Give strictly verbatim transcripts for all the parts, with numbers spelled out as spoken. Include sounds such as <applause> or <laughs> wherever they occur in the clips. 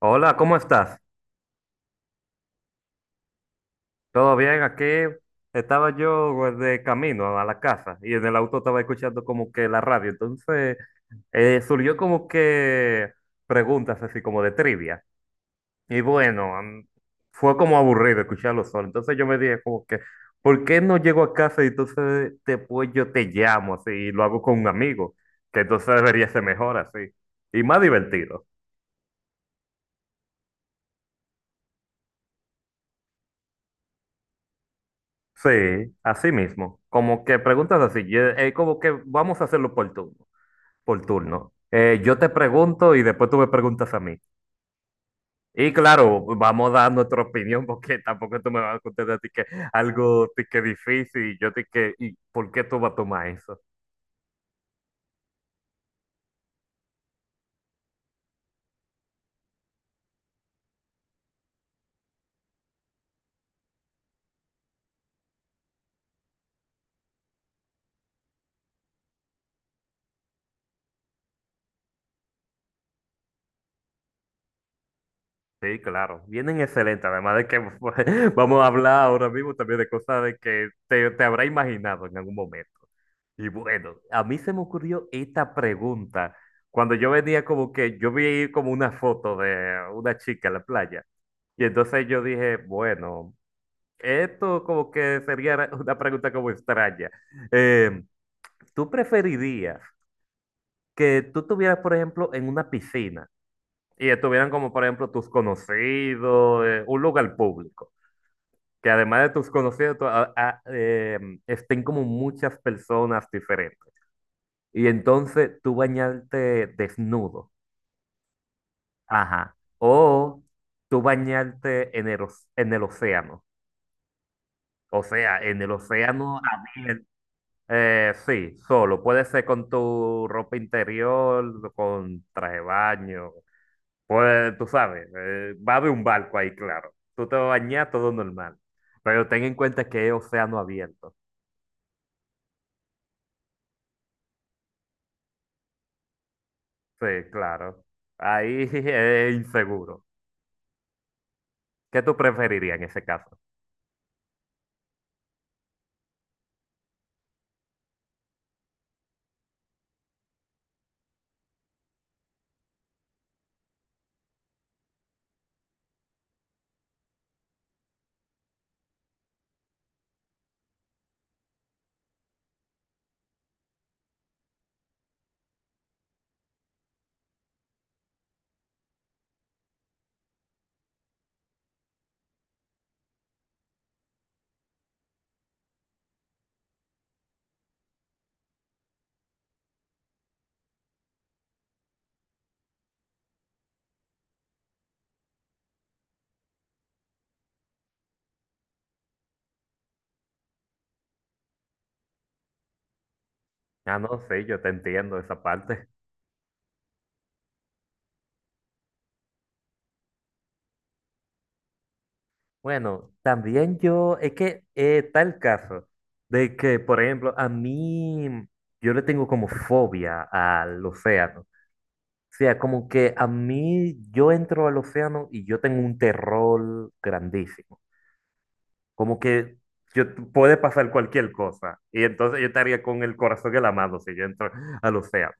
Hola, ¿cómo estás? ¿Todo bien? Aquí estaba yo, pues, de camino a la casa, y en el auto estaba escuchando como que la radio. Entonces eh, surgió como que preguntas así, como de trivia. Y bueno, mm, fue como aburrido escucharlo solo. Entonces yo me dije como que, ¿por qué no llego a casa y entonces después yo te llamo así y lo hago con un amigo? Que entonces debería ser mejor así y más divertido. Sí, así mismo. Como que preguntas así, y, eh, como que vamos a hacerlo por turno, por turno. Eh, yo te pregunto y después tú me preguntas a mí. Y claro, vamos a dar nuestra opinión, porque tampoco tú me vas a contestar a ti que algo ti que difícil y yo ti que, ¿y por qué tú vas a tomar eso? Sí, claro, vienen excelentes, además de que, pues, <laughs> vamos a hablar ahora mismo también de cosas de que te, te habrá imaginado en algún momento. Y bueno, a mí se me ocurrió esta pregunta cuando yo venía como que, yo vi como una foto de una chica en la playa y entonces yo dije, bueno, esto como que sería <laughs> una pregunta como extraña. Eh, ¿Tú preferirías que tú estuvieras, por ejemplo, en una piscina, y estuvieran como, por ejemplo, tus conocidos, eh, un lugar público, que además de tus conocidos, tú- a- a- eh, estén como muchas personas diferentes? Y entonces, ¿tú bañarte desnudo, ajá, o tú bañarte en el, oc- en el océano, o sea, en el océano abierto? Eh, sí, solo, puede ser con tu ropa interior, con traje de baño. Pues tú sabes, eh, va a haber un barco ahí, claro. Tú te vas a bañar todo normal. Pero ten en cuenta que es océano abierto. Sí, claro. Ahí <laughs> es inseguro. ¿Qué tú preferirías en ese caso? Ah, no, sí, yo te entiendo esa parte. Bueno, también yo, es que eh, está el caso de que, por ejemplo, a mí, yo le tengo como fobia al océano. O sea, como que a mí, yo entro al océano y yo tengo un terror grandísimo. Como que yo, puede pasar cualquier cosa. Y entonces yo estaría con el corazón en la mano si yo entro al océano.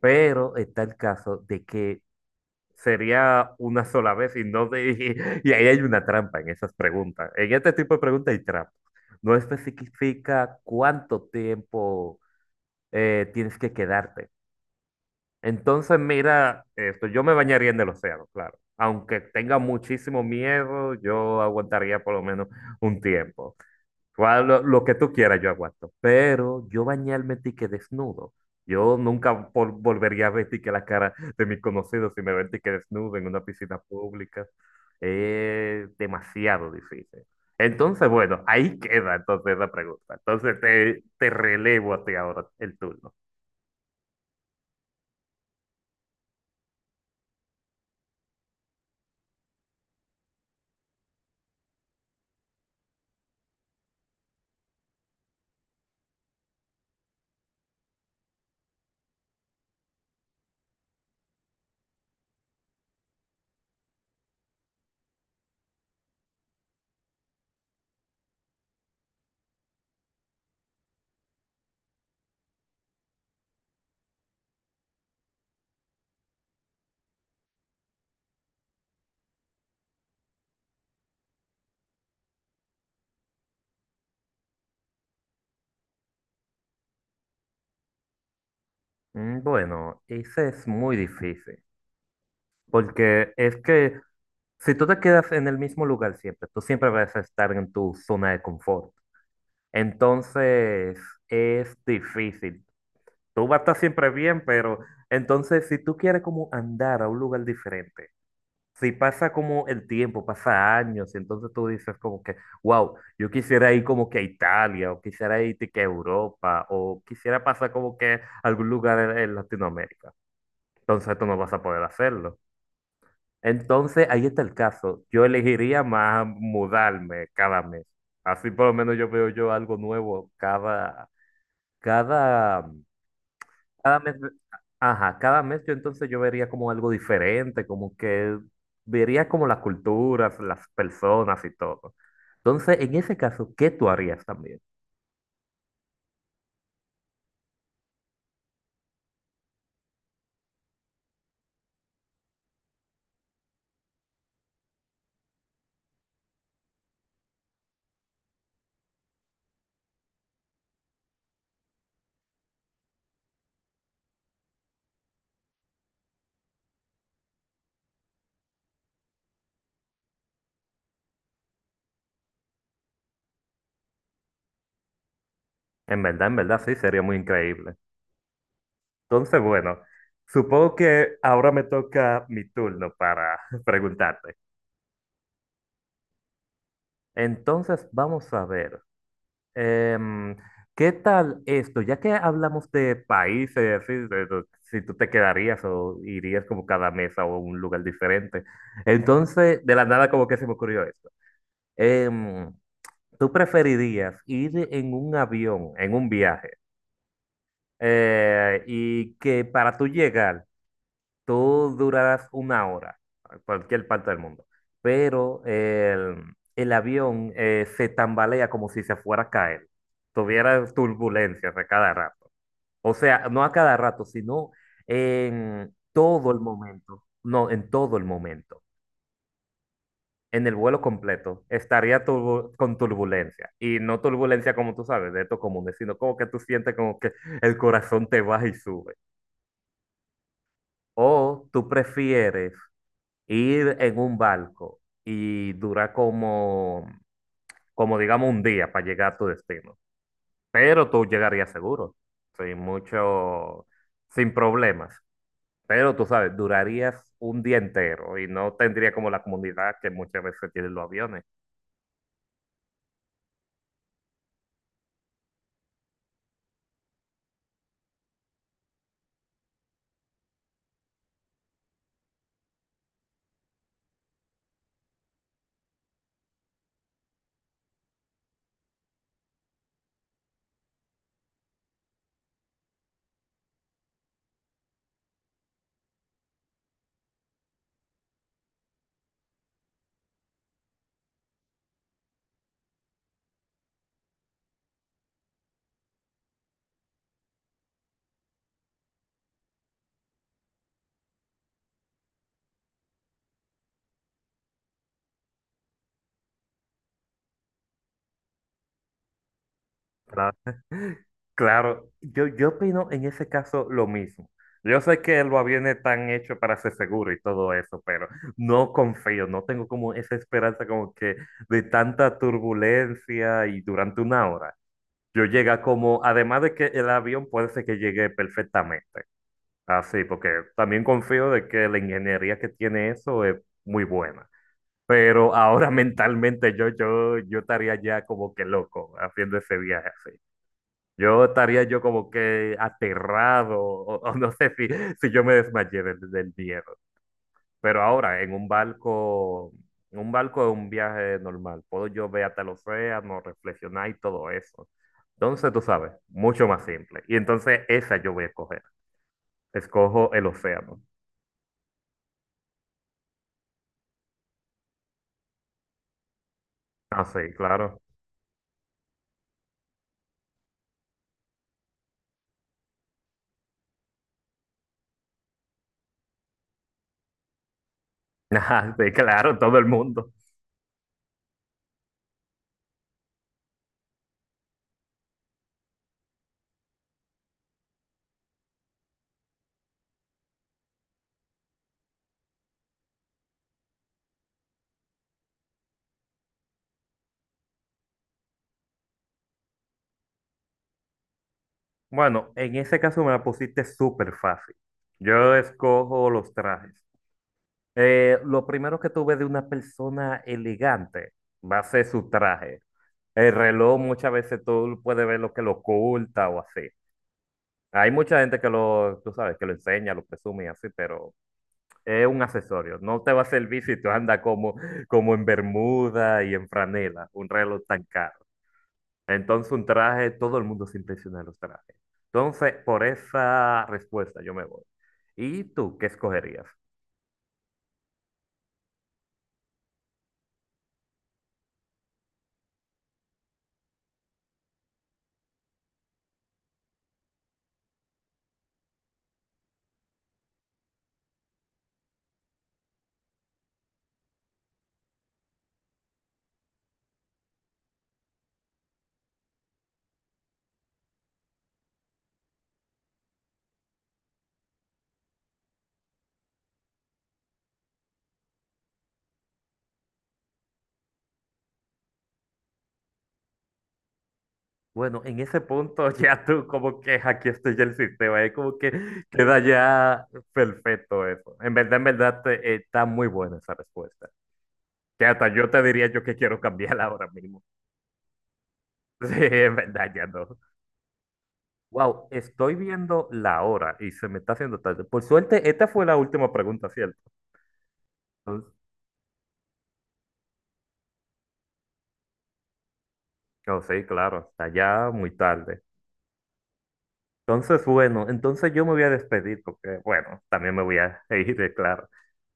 Pero está el caso de que sería una sola vez y no de, <laughs> y, ahí hay una trampa en esas preguntas. En este tipo de preguntas hay trampa. No especifica cuánto tiempo eh, tienes que quedarte. Entonces, mira esto, yo me bañaría en el océano, claro. Aunque tenga muchísimo miedo, yo aguantaría por lo menos un tiempo. Cual- Lo, lo que tú quieras, yo aguanto. Pero yo bañarme tique desnudo. Yo nunca vol- volvería a ver tique la cara de mis conocidos si me ven tique desnudo en una piscina pública. Es demasiado difícil. Entonces, bueno, ahí queda entonces la pregunta. Entonces te, te relevo a ti ahora el turno. Mm, Bueno, ese es muy difícil. Porque es que si tú te quedas en el mismo lugar siempre, tú siempre vas a estar en tu zona de confort. Entonces es difícil. Tú vas a estar siempre bien, pero entonces si tú quieres como andar a un lugar diferente, si pasa como el tiempo, pasa años, y entonces tú dices como que, wow, yo quisiera ir como que a Italia, o quisiera ir de que a Europa, o quisiera pasar como que a algún lugar en, en Latinoamérica. Entonces tú no vas a poder hacerlo. Entonces ahí está el caso. Yo elegiría más mudarme cada mes. Así por lo menos yo veo yo algo nuevo cada cada, mm, cada mes, ajá, cada mes yo entonces yo vería como algo diferente, como que vería como las culturas, las personas y todo. Entonces, en ese caso, ¿qué tú harías también? En verdad, en verdad, sí, sería muy increíble. Entonces, bueno, supongo que ahora me toca mi turno para <laughs> preguntarte. Entonces, vamos a ver. Em, ¿Qué tal esto? Ya que hablamos de países, así, de- de- si tú te quedarías o irías como cada mes a un lugar diferente. Entonces, de la nada como que se me ocurrió esto. Em, ¿Tú preferirías ir en un avión, en un viaje, eh, y que para tú llegar tú durarás una hora a cualquier parte del mundo, pero el, el avión eh, se tambalea como si se fuera a caer, tuviera turbulencias a cada rato? O sea, no a cada rato, sino en todo el momento, no, en todo el momento. En el vuelo completo estaría turbu- con turbulencia. Y no turbulencia como tú sabes, de estos comunes, sino como que tú sientes como que el corazón te baja y sube. ¿O tú prefieres ir en un barco y dura como, como digamos un día para llegar a tu destino? Pero tú llegarías seguro, sin mucho, sin problemas. Pero tú sabes, durarías un día entero y no tendría como la comunidad que muchas veces tienen los aviones. Claro, yo, yo opino en ese caso lo mismo. Yo sé que el aviones están hecho para ser seguro y todo eso, pero no confío, no tengo como esa esperanza como que de tanta turbulencia y durante una hora. Yo llega como, además de que el avión puede ser que llegue perfectamente, así, porque también confío de que la ingeniería que tiene eso es muy buena. Pero ahora <laughs> mentalmente yo, yo, yo estaría ya como que loco haciendo ese viaje así. Yo estaría yo como que aterrado, o, o no sé si, si yo me desmayé del, del miedo. Pero ahora, en un barco, en un barco es un viaje normal. Puedo yo ver hasta el océano, reflexionar y todo eso. Entonces, tú sabes, mucho más simple. Y entonces esa yo voy a escoger. Escojo el océano. Ah, sí, claro. <laughs> Ah, sí, claro, todo el mundo. Bueno, en ese caso me la pusiste súper fácil. Yo escojo los trajes. Eh, lo primero que tuve de una persona elegante va a ser su traje. El reloj muchas veces tú puedes ver lo que lo oculta o así. Hay mucha gente que lo, tú sabes, que lo enseña, lo presume y así, pero es un accesorio. No te va a servir si tú andas como, como en bermuda y en franela, un reloj tan caro. Entonces un traje, todo el mundo se impresiona de los trajes. Entonces, por esa respuesta yo me voy. ¿Y tú qué escogerías? Bueno, en ese punto <laughs> ya tú como que hackeaste ya el sistema, es como que queda ya perfecto eso. En verdad, en verdad te- eh, está muy buena esa respuesta. Que hasta yo te diría yo que quiero cambiarla ahora mismo. <laughs> Sí, en verdad ya no. Wow, estoy viendo la hora y se me está haciendo tarde. Por suerte, esta fue la última pregunta, ¿cierto? Entonces, oh, sí, claro, está ya muy tarde. Entonces, bueno, entonces yo me voy a despedir porque, bueno, también me voy a <laughs> ir, claro.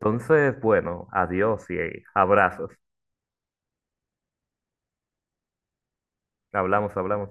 Entonces, bueno, adiós y abrazos. Hablamos, hablamos.